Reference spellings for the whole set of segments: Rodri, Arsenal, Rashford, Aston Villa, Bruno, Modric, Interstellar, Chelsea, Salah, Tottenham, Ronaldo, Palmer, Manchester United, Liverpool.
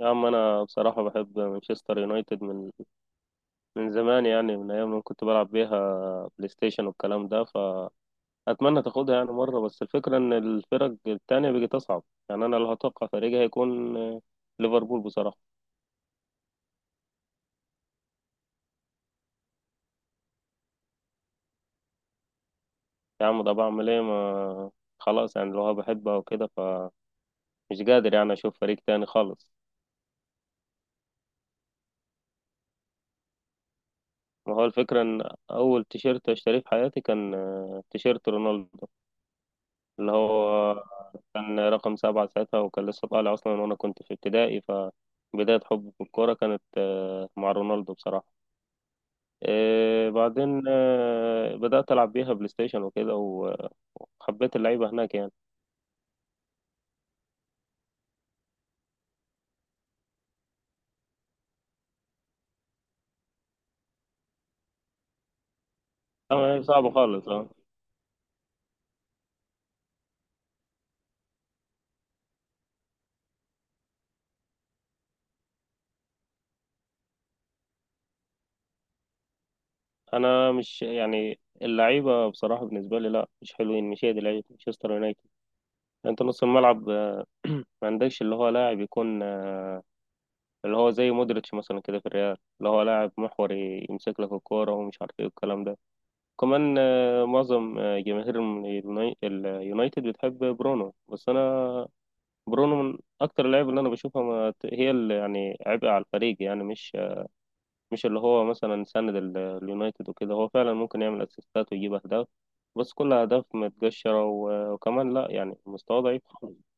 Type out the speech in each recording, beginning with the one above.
يا عم، انا بصراحه بحب مانشستر يونايتد من زمان، يعني من ايام ما كنت بلعب بيها بلاي ستيشن والكلام ده. فاتمنى تاخدها يعني مره، بس الفكره ان الفرق التانية بقت اصعب. يعني انا اللي هتوقع فريقي هيكون ليفربول بصراحه. يا عم ده بعمل ايه؟ ما خلاص يعني لو بحبها وكده فمش قادر يعني اشوف فريق تاني خالص. ما هو الفكره ان اول تيشيرت اشتريه في حياتي كان تيشيرت رونالدو، اللي هو كان رقم 7 ساعتها، وكان لسه طالع أصلا، وأنا كنت في ابتدائي، فبداية حبي في الكورة كانت مع رونالدو بصراحة. بعدين بدأت ألعب بيها بلاي ستيشن وكده وحبيت اللعيبة هناك يعني. طبعا هي صعبة خالص اه. أنا مش يعني اللعيبة بصراحة بالنسبة لي، لا مش حلوين، مش هي دي لعيبة مانشستر يونايتد. أنت نص الملعب ما عندكش اللي هو لاعب يكون اللي هو زي مودريتش مثلا كده في الريال، اللي هو لاعب محوري، يمسك لك الكورة ومش عارف إيه والكلام ده. كمان معظم جماهير اليونايتد بتحب برونو، بس انا برونو من اكتر اللعيبه اللي انا بشوفها، ما ت- هي اللي يعني عبء على الفريق يعني، مش مش اللي هو مثلا اليونايتد وكده. هو فعلا ممكن يعمل اسيستات ويجيب اهداف، بس كلها اهداف متقشره وكمان لا، يعني مستواه ضعيف خالص.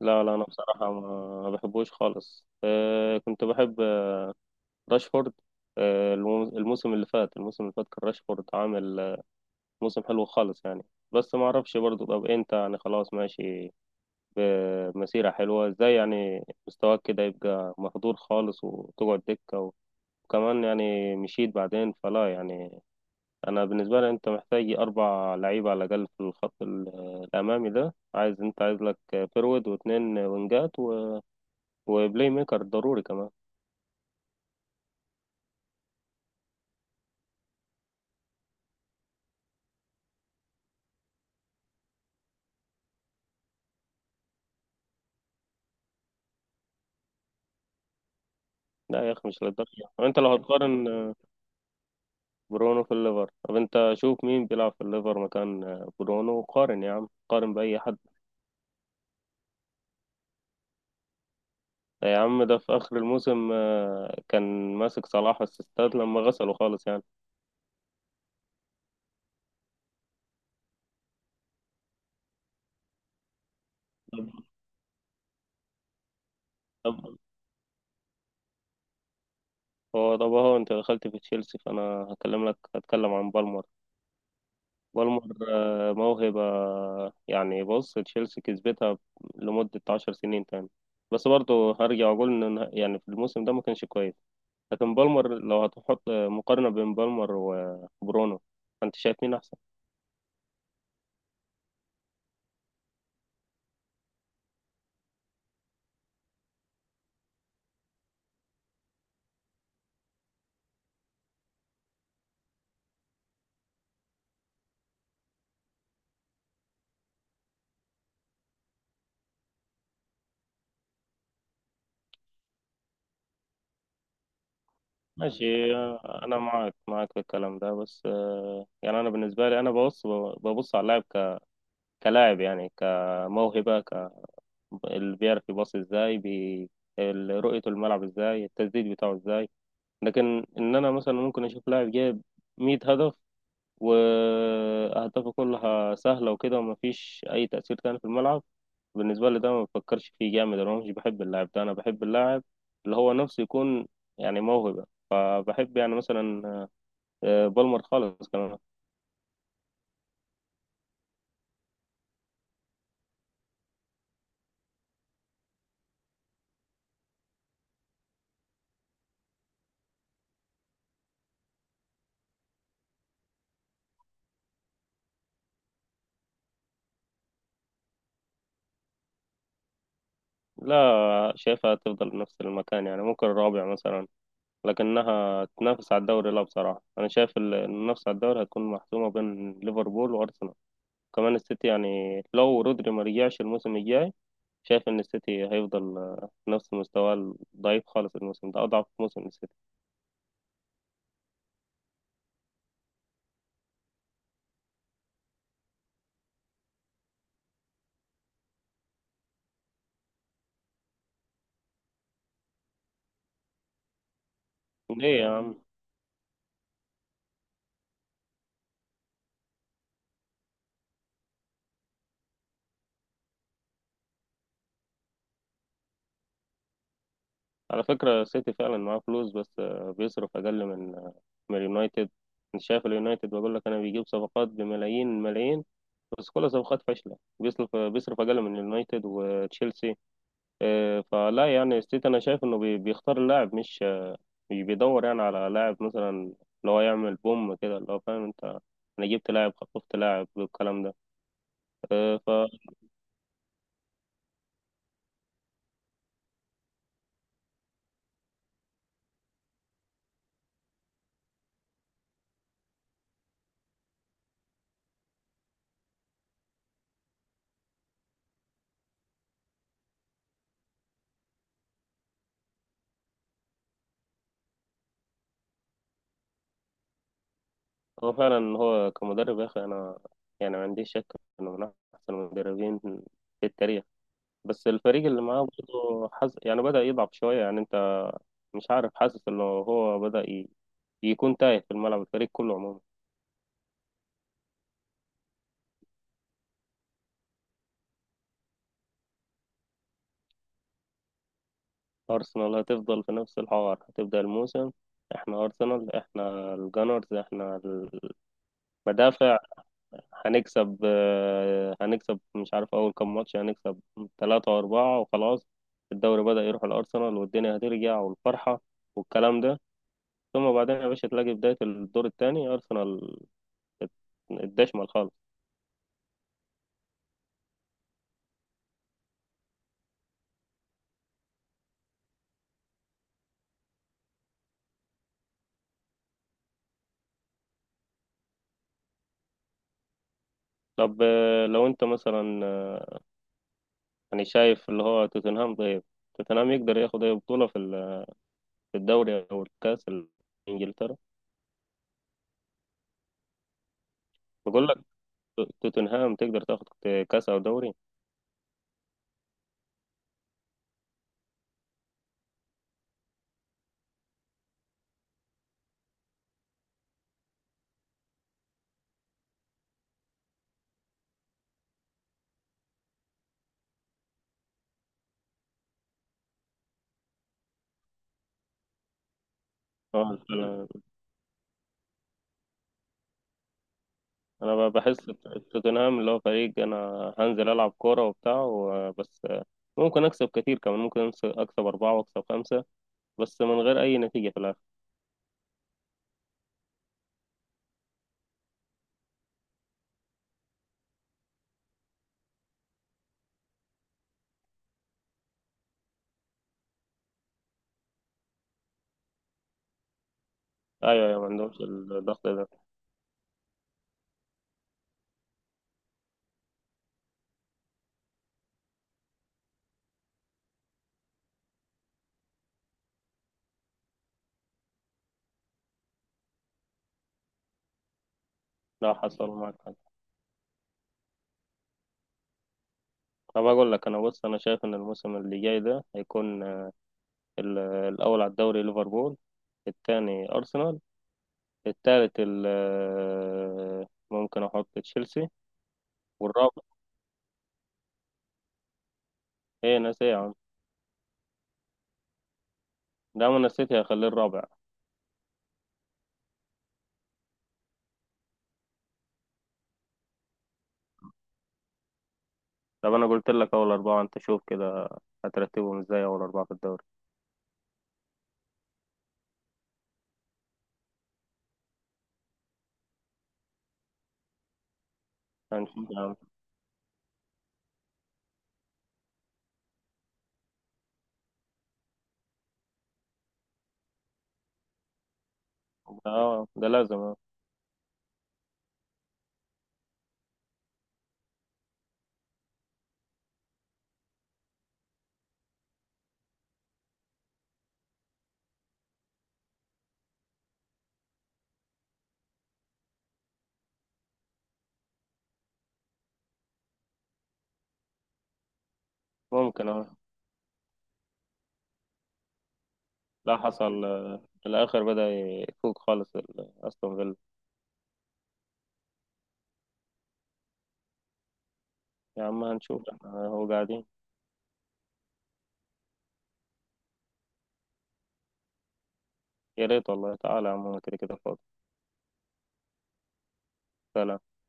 لا لا، انا بصراحه ما بحبوش خالص. كنت بحب راشفورد. الموسم اللي فات كان راشفورد عامل موسم حلو خالص يعني. بس ما اعرفش برضو، طب انت يعني خلاص ماشي بمسيرة حلوة ازاي، يعني مستواك كده يبقى مهدور خالص وتقعد دكة، وكمان يعني مشيت بعدين، فلا يعني. انا بالنسبة لي انت محتاج 4 لعيبة على الاقل في الخط الامامي ده، عايز، انت عايز لك فيرود واتنين وينجات وبلاي ميكر ضروري كمان. لا يا اخي مش للدرجة، طب انت لو هتقارن برونو في الليفر، طب انت شوف مين بيلعب في الليفر مكان برونو، وقارن يا عم، قارن بأي حد. يا عم ده في آخر الموسم كان ماسك صلاح اسيستات لما غسله خالص يعني. طب طب هو أنت دخلت في تشيلسي، فأنا هكلم لك هتكلم عن بالمر. بالمر موهبة، يعني بص تشيلسي كسبتها لمدة 10 سنين تاني. بس برضه هرجع أقول إن يعني في الموسم ده ما كانش كويس. لكن بالمر لو هتحط مقارنة بين بالمر وبرونو، أنت شايف مين أحسن؟ ماشي، انا معاك معاك في الكلام ده، بس يعني انا بالنسبه لي انا ببص على اللاعب كلاعب، يعني كموهبه، اللي بيعرف يباصي ازاي رؤيته الملعب ازاي، التسديد بتاعه ازاي. لكن انا مثلا ممكن اشوف لاعب جايب 100 هدف، واهدافه كلها سهله وكده، ومفيش اي تاثير تاني في الملعب. بالنسبه لي ده ما بفكرش فيه جامد، انا مش بحب اللاعب ده، انا بحب اللاعب اللي هو نفسه يكون يعني موهبه. بحب يعني مثلا بالمر خالص كمان. لا، شايفها تفضل نفس المكان يعني، ممكن الرابع مثلا، لكنها تنافس على الدوري لا، بصراحة أنا شايف المنافسة على الدوري هتكون محسومة بين ليفربول وأرسنال. كمان السيتي يعني لو رودري ما رجعش الموسم الجاي، شايف إن السيتي هيفضل نفس مستواه الضعيف خالص. الموسم ده أضعف موسم السيتي. ليه يا عم؟ على فكرة السيتي فعلا معاه فلوس، بس بيصرف أقل من اليونايتد. أنت شايف اليونايتد؟ بقول لك أنا بيجيب صفقات بملايين الملايين، بس كل صفقات فاشلة. بيصرف أقل من اليونايتد وتشيلسي. فلا يعني ستيت، أنا شايف إنه بيختار اللاعب، مش مش بيدور يعني على لاعب مثلا اللي هو يعمل بوم كده، اللي هو فاهم أنت، أنا جبت لاعب خطفت لاعب والكلام ده. فهو فعلا، هو كمدرب يا أخي، أنا يعني ما عنديش شك إنه من أحسن المدربين في التاريخ. بس الفريق اللي معاه برضه يعني بدأ يضعف شوية، يعني أنت مش عارف، حاسس إنه هو بدأ يكون تايه في الملعب، الفريق كله عموما. أرسنال هتفضل في نفس الحوار. هتبدأ الموسم، احنا أرسنال، احنا الجانرز، احنا المدافع، هنكسب هنكسب مش عارف أول كام ماتش، هنكسب 3 و4 وخلاص. الدوري بدأ يروح الأرسنال، والدنيا هترجع، والفرحة والكلام ده. ثم بعدين يا باشا تلاقي بداية الدور الثاني أرسنال ات- اتدشمل خالص. طب لو أنت مثلا يعني شايف اللي هو توتنهام، طيب توتنهام يقدر ياخد أي بطولة في الدوري أو الكأس الإنجلترا؟ بقول لك توتنهام تقدر تاخد كاس او دوري. اه، انا بحس توتنهام اللي هو فريق انا هنزل العب كوره وبتاع بس ممكن اكسب كتير، كمان ممكن اكسب 4 واكسب 5، بس من غير اي نتيجه في الاخر. ايوه ايوه، ما عندهمش الضغط ده. لا حصل معاك حاجه. طب اقول لك انا، بص انا شايف ان الموسم اللي جاي ده هيكون ال- الاول على الدوري ليفربول، الثاني ارسنال، الثالث ممكن احط تشيلسي، والرابع ايه؟ ناس ايه يا عم؟ ده من السيتي هيخليه الرابع. طب انا قلت لك اول 4، انت شوف كده هترتبهم ازاي اول 4 في الدوري. هنشوف يا عم. اه ده لازم. ممكن اه. لا حصل في الاخر بدأ يفوق خالص استون فيلا. يا عم هنشوف احنا، هو قاعدين. يا ريت والله، تعالى يا عم أنا كده كده فاضي. سلام.